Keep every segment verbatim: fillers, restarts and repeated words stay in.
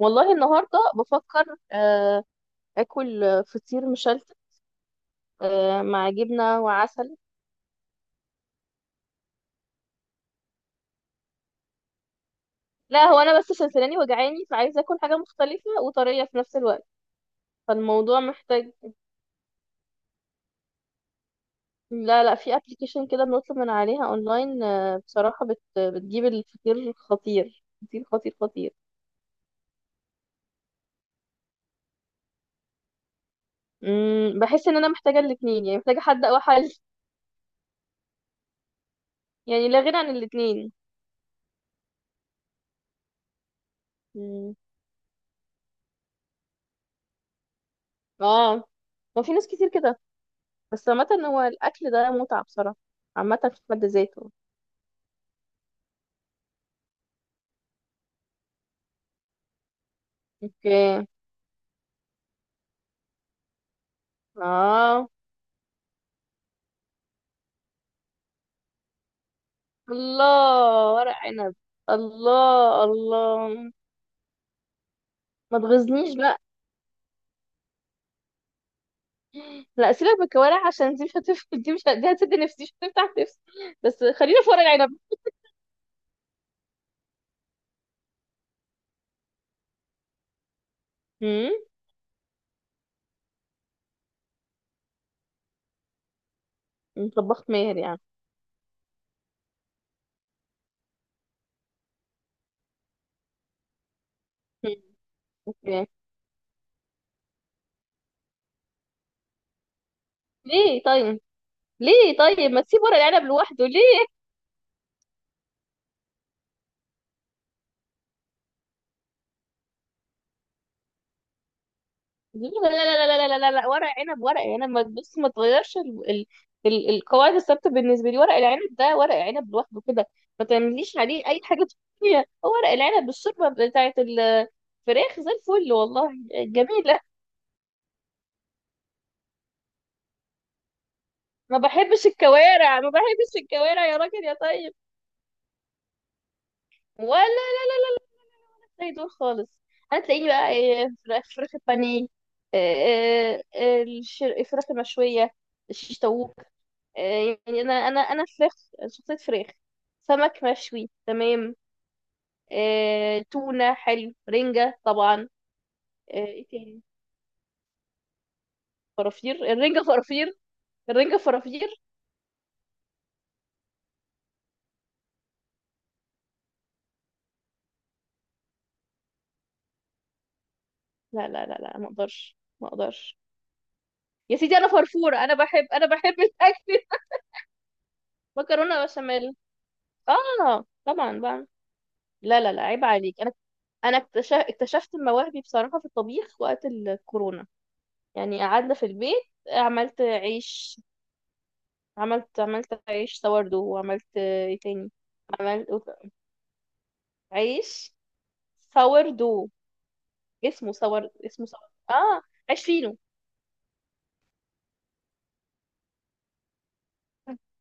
والله النهارده بفكر آه، اكل فطير مشلتت. آه، مع جبنه وعسل. لا هو انا بس سلسلاني وجعاني فعايزه اكل حاجه مختلفه وطريه في نفس الوقت. فالموضوع محتاج. لا لا في ابلكيشن كده بنطلب من عليها اونلاين. آه، بصراحه بت... بتجيب الفطير خطير خطير خطير خطير. مم، بحس ان انا محتاجه الاتنين، يعني محتاجه حد او حل. يعني لا غنى عن الاتنين. مم، اه. ما في ناس كتير كده. بس عامة هو الأكل ده متعة بصراحة، عامة في حد ذاته. اوكي. اه. الله، ورق عنب. الله الله. ما تغزنيش بقى. لا سيبك من الكوارع عشان دي مش هتف دي مش ه- دي هتسد نفسي، مش هتفتح نفسي. بس خلينا في ورق العنب. امم طباخ ماهر يعني. مم. اوكي. ليه طيب؟ ليه طيب ما تسيب ورق العنب لوحده ليه؟ لا لا لا لا لا لا لا لا، ورق عنب ورق عنب ما تبص، ما تغيرش ال... ال... ال... القواعد الثابته بالنسبه لي. ورق العنب ده ورق عنب لوحده كده، ما تعمليش عليه اي حاجه تانية. هو ورق العنب بالشوربه بتاعت الفراخ زي الفل والله جميله. ما بحبش الكوارع ما بحبش الكوارع يا راجل يا طيب. ولا زي دول خالص. هتلاقيني بقى إيه، فراخ، فراخ البانيه، إيه، إيه، إيه، الش- الفراخ المشويه، الشيش طاووق. آه، يعني انا انا انا فراخ، شخصيه فراخ. سمك مشوي تمام. آه، تونه حلو، رنجه طبعا. آه، ايه تاني؟ فرافير الرنجه فرافير. الرنجه فرافير. لا لا لا لا، ما اقدرش ما اقدرش. يا سيدي انا فرفوره، انا بحب انا بحب الاكل. مكرونه بشاميل. اه طبعا بقى. لا لا لا عيب عليك. انا، انا اكتش- اكتشفت مواهبي بصراحه في الطبيخ وقت الكورونا. يعني قعدنا في البيت. عملت عيش. عملت عملت عيش دو، وعملت آه، ايه تاني. عملت عيش دو. اسمه سور، اسمه سور. اه، عيش فينو.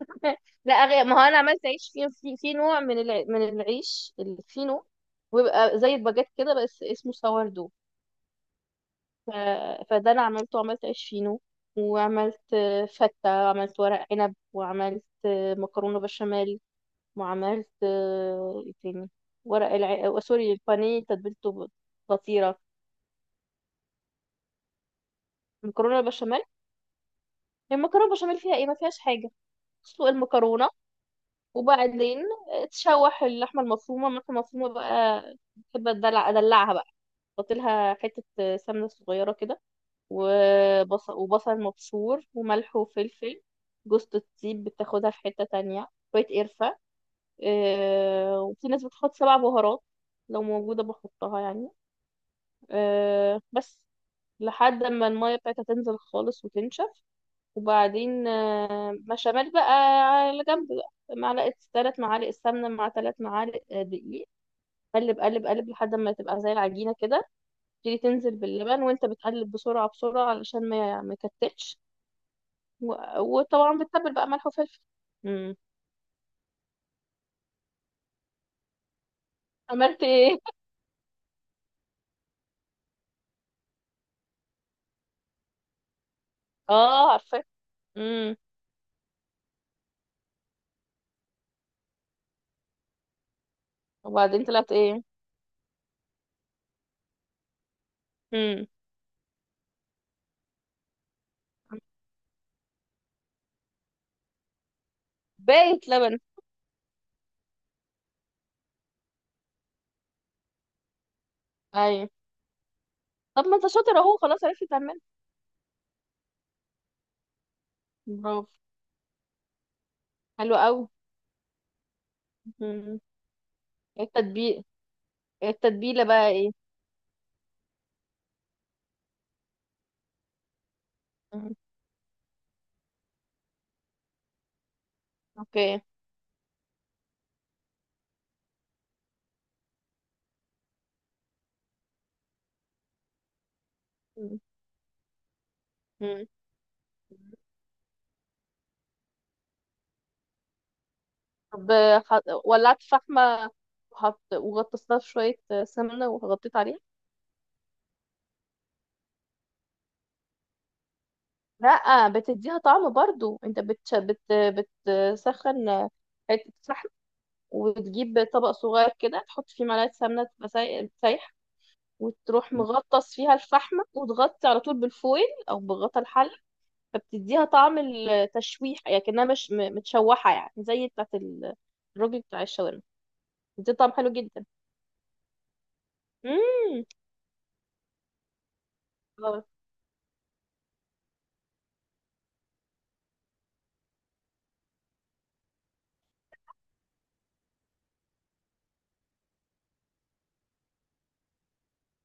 لا، غير ما هو انا عملت عيش فينو، في, في نوع من الع... من العيش الفينو، ويبقى زي الباجيت كده بس اسمه سوردو. ف... فده انا عملته. عملت عيش فينو، وعملت آه، فتة، وعملت ورق عنب، وعملت آه، مكرونة بشاميل، وعملت آه، ايه تاني. ورق الع... آه، سوري، البانيه تتبيلته. خطيرة المكرونه البشاميل. هي المكرونه البشاميل فيها ايه؟ ما فيهاش حاجه. تسلق المكرونه، وبعدين تشوح اللحمه المفرومه. اللحمه المفرومه بقى بحب ادلع ادلعها بقى، احط لها حته سمنه صغيره كده، وبصل وبصل مبشور وملح وفلفل. جوزة الطيب بتاخدها في حته تانية، شويه قرفه. آه، وفي ناس بتحط سبع بهارات، لو موجوده بحطها يعني. آه، بس. لحد ما الميه بتاعتها تنزل خالص وتنشف، وبعدين آه، بشاميل بقى. على جنب بقى، معلقة، ثلاث معالق السمنة مع ثلاث معالق آه، دقيق. قلب قلب قلب لحد ما تبقى زي العجينة كده. تيجي تنزل باللبن وانت بتقلب بسرعة بسرعة، علشان ما ما يكتلش. و- وطبعا بتتبل بقى ملح وفلفل. امم. عملت ايه؟ اه، عارفة. امم. وبعدين طلعت ايه؟ امم. باقي لبن. ايوه. طب ما انت شاطر اهو، خلاص عرفت تعمل. برافو. حلو قوي. امم. التتبيل. التتبيلة بقى ايه؟ اوكي. مم. مم. طب. ح- ولعت فحمة، وحط، وغطست لها شوية سمنة، وغطيت عليها. لا، بتديها طعم برضو. انت بتش... بت... بتسخن حتة فحم، وتجيب طبق صغير كده تحط فيه معلقة سمنة تبقى ساي- سايحة، وتروح مغطس فيها الفحمة، وتغطي على طول بالفويل أو بغطا الحلة. فبتديها طعم التشويح، يعني كأنها مش م- متشوحة، يعني زي بتاعة ال- الراجل بتاع الشاورما. بتدي طعم حلو جدا. مم. خلاص.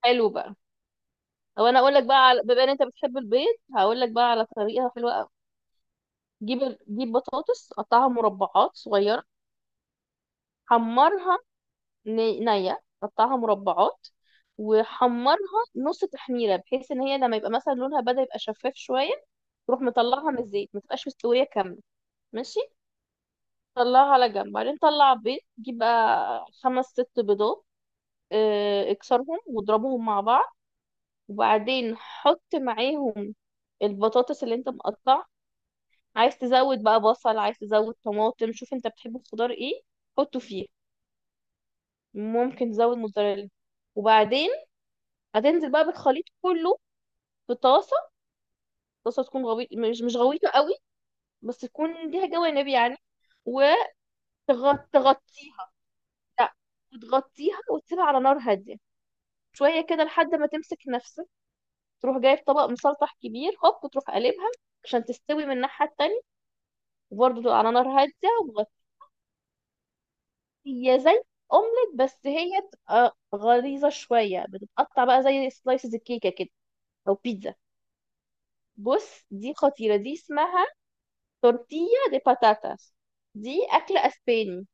حلو بقى. او انا اقول لك بقى، على... بما ان انت بتحب البيض، هقول لك بقى على طريقه حلوه قوي. جيب، جيب بطاطس، قطعها مربعات صغيره، حمرها، ني- نيه قطعها مربعات وحمرها نص تحميره، بحيث ان هي لما يبقى مثلا لونها بدأ يبقى شفاف شويه، تروح مطلعها من الزيت. ما تبقاش مستويه كامله. ماشي. طلعها على جنب، بعدين طلع بيض، جيب بقى خمس ست بيضات. آه، اكسرهم واضربهم مع بعض، وبعدين حط معاهم البطاطس اللي انت مقطعها. عايز تزود بقى بصل، عايز تزود طماطم، شوف انت بتحب الخضار ايه. حطه فيه، ممكن تزود موتزاريلا. وبعدين هتنزل بقى بالخليط كله في طاسة. طاسة تكون غويط، مش مش غويطة قوي، بس تكون ليها جوانب يعني. وتغطيها. لا، وتغطيها، وتسيبها على نار هادية شوية كده لحد ما تمسك نفسك، تروح جايب طبق مسلطح كبير، هوب تروح قلبها عشان تستوي من الناحية التانية، وبرضه على نار هادية. ومغطية زي أومليت، بس هي بتبقى غليظة شوية، بتتقطع بقى زي سلايسز الكيكة كده، أو بيتزا. بص دي خطيرة، دي اسمها تورتيا دي باتاتاس، دي أكلة أسباني.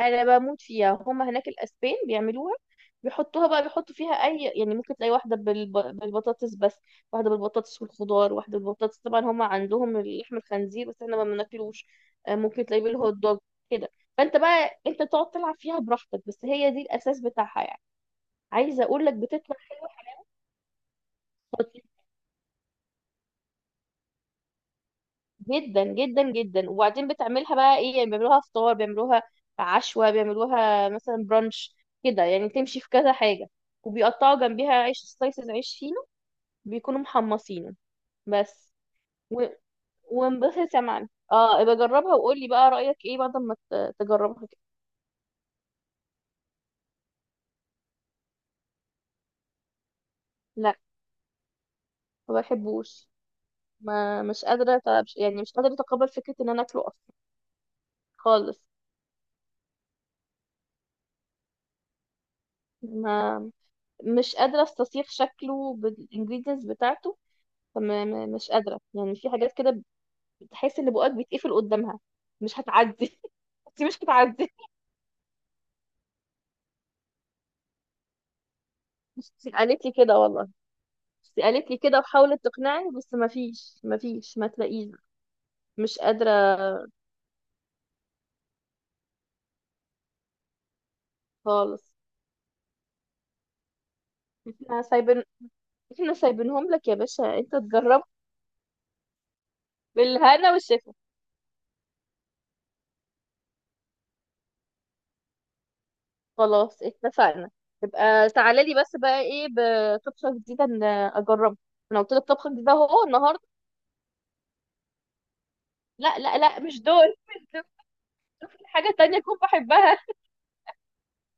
انا بموت فيها. هم هناك الاسبان بيعملوها، بيحطوها بقى، بيحطوا فيها اي، يعني ممكن تلاقي واحده بالب... بالبطاطس بس، واحده بالبطاطس والخضار، واحده بالبطاطس. طبعا هم عندهم لحم الخنزير بس احنا ما بناكلوش. آه، ممكن تلاقيه بالهوت دوج كده. فانت بقى انت تقعد تلعب فيها براحتك، بس هي دي الاساس بتاعها يعني. عايزه اقول لك بتطلع حلوه جدا جدا جدا. وبعدين بتعملها بقى ايه؟ يعني بيعملوها فطار، بيعملوها عشوة، بيعملوها مثلا برانش كده يعني، تمشي في كذا حاجة. وبيقطعوا جنبيها عيش سلايسز، عيش فينو بيكونوا محمصينه. بس. و... وانبسط يا معلم. اه ابقى جربها وقول لي بقى رأيك ايه بعد ما ت- تجربها كده. لا، ما بحبوش. ما مش قادرة أت- مش- يعني مش قادرة اتقبل فكرة ان انا اكله اصلا. خالص. ما مش قادرة استصيغ شكله بالانجريدينتس بتاعته. طب ما- ما- مش قادرة. يعني في حاجات كده بتحس ان بقك بيتقفل قدامها، مش هتعدي. انت مش هتعدي. بس قالت لي كده والله. بس قالت لي كده وحاولت تقنعني، بس ما فيش، ما فيش ما تلاقيش. مش قادرة خالص. احنا سايبين، احنا سايبينهم لك يا باشا انت تجرب. بالهنا والشفا. خلاص، اتفقنا. تبقى تعالى لي بس بقى ايه بطبخة جديدة ان اجربها. انا قلت لك طبخة جديدة اهو النهارده. لا لا لا مش دول. مش دول. شوف لي حاجة تانية اكون بحبها.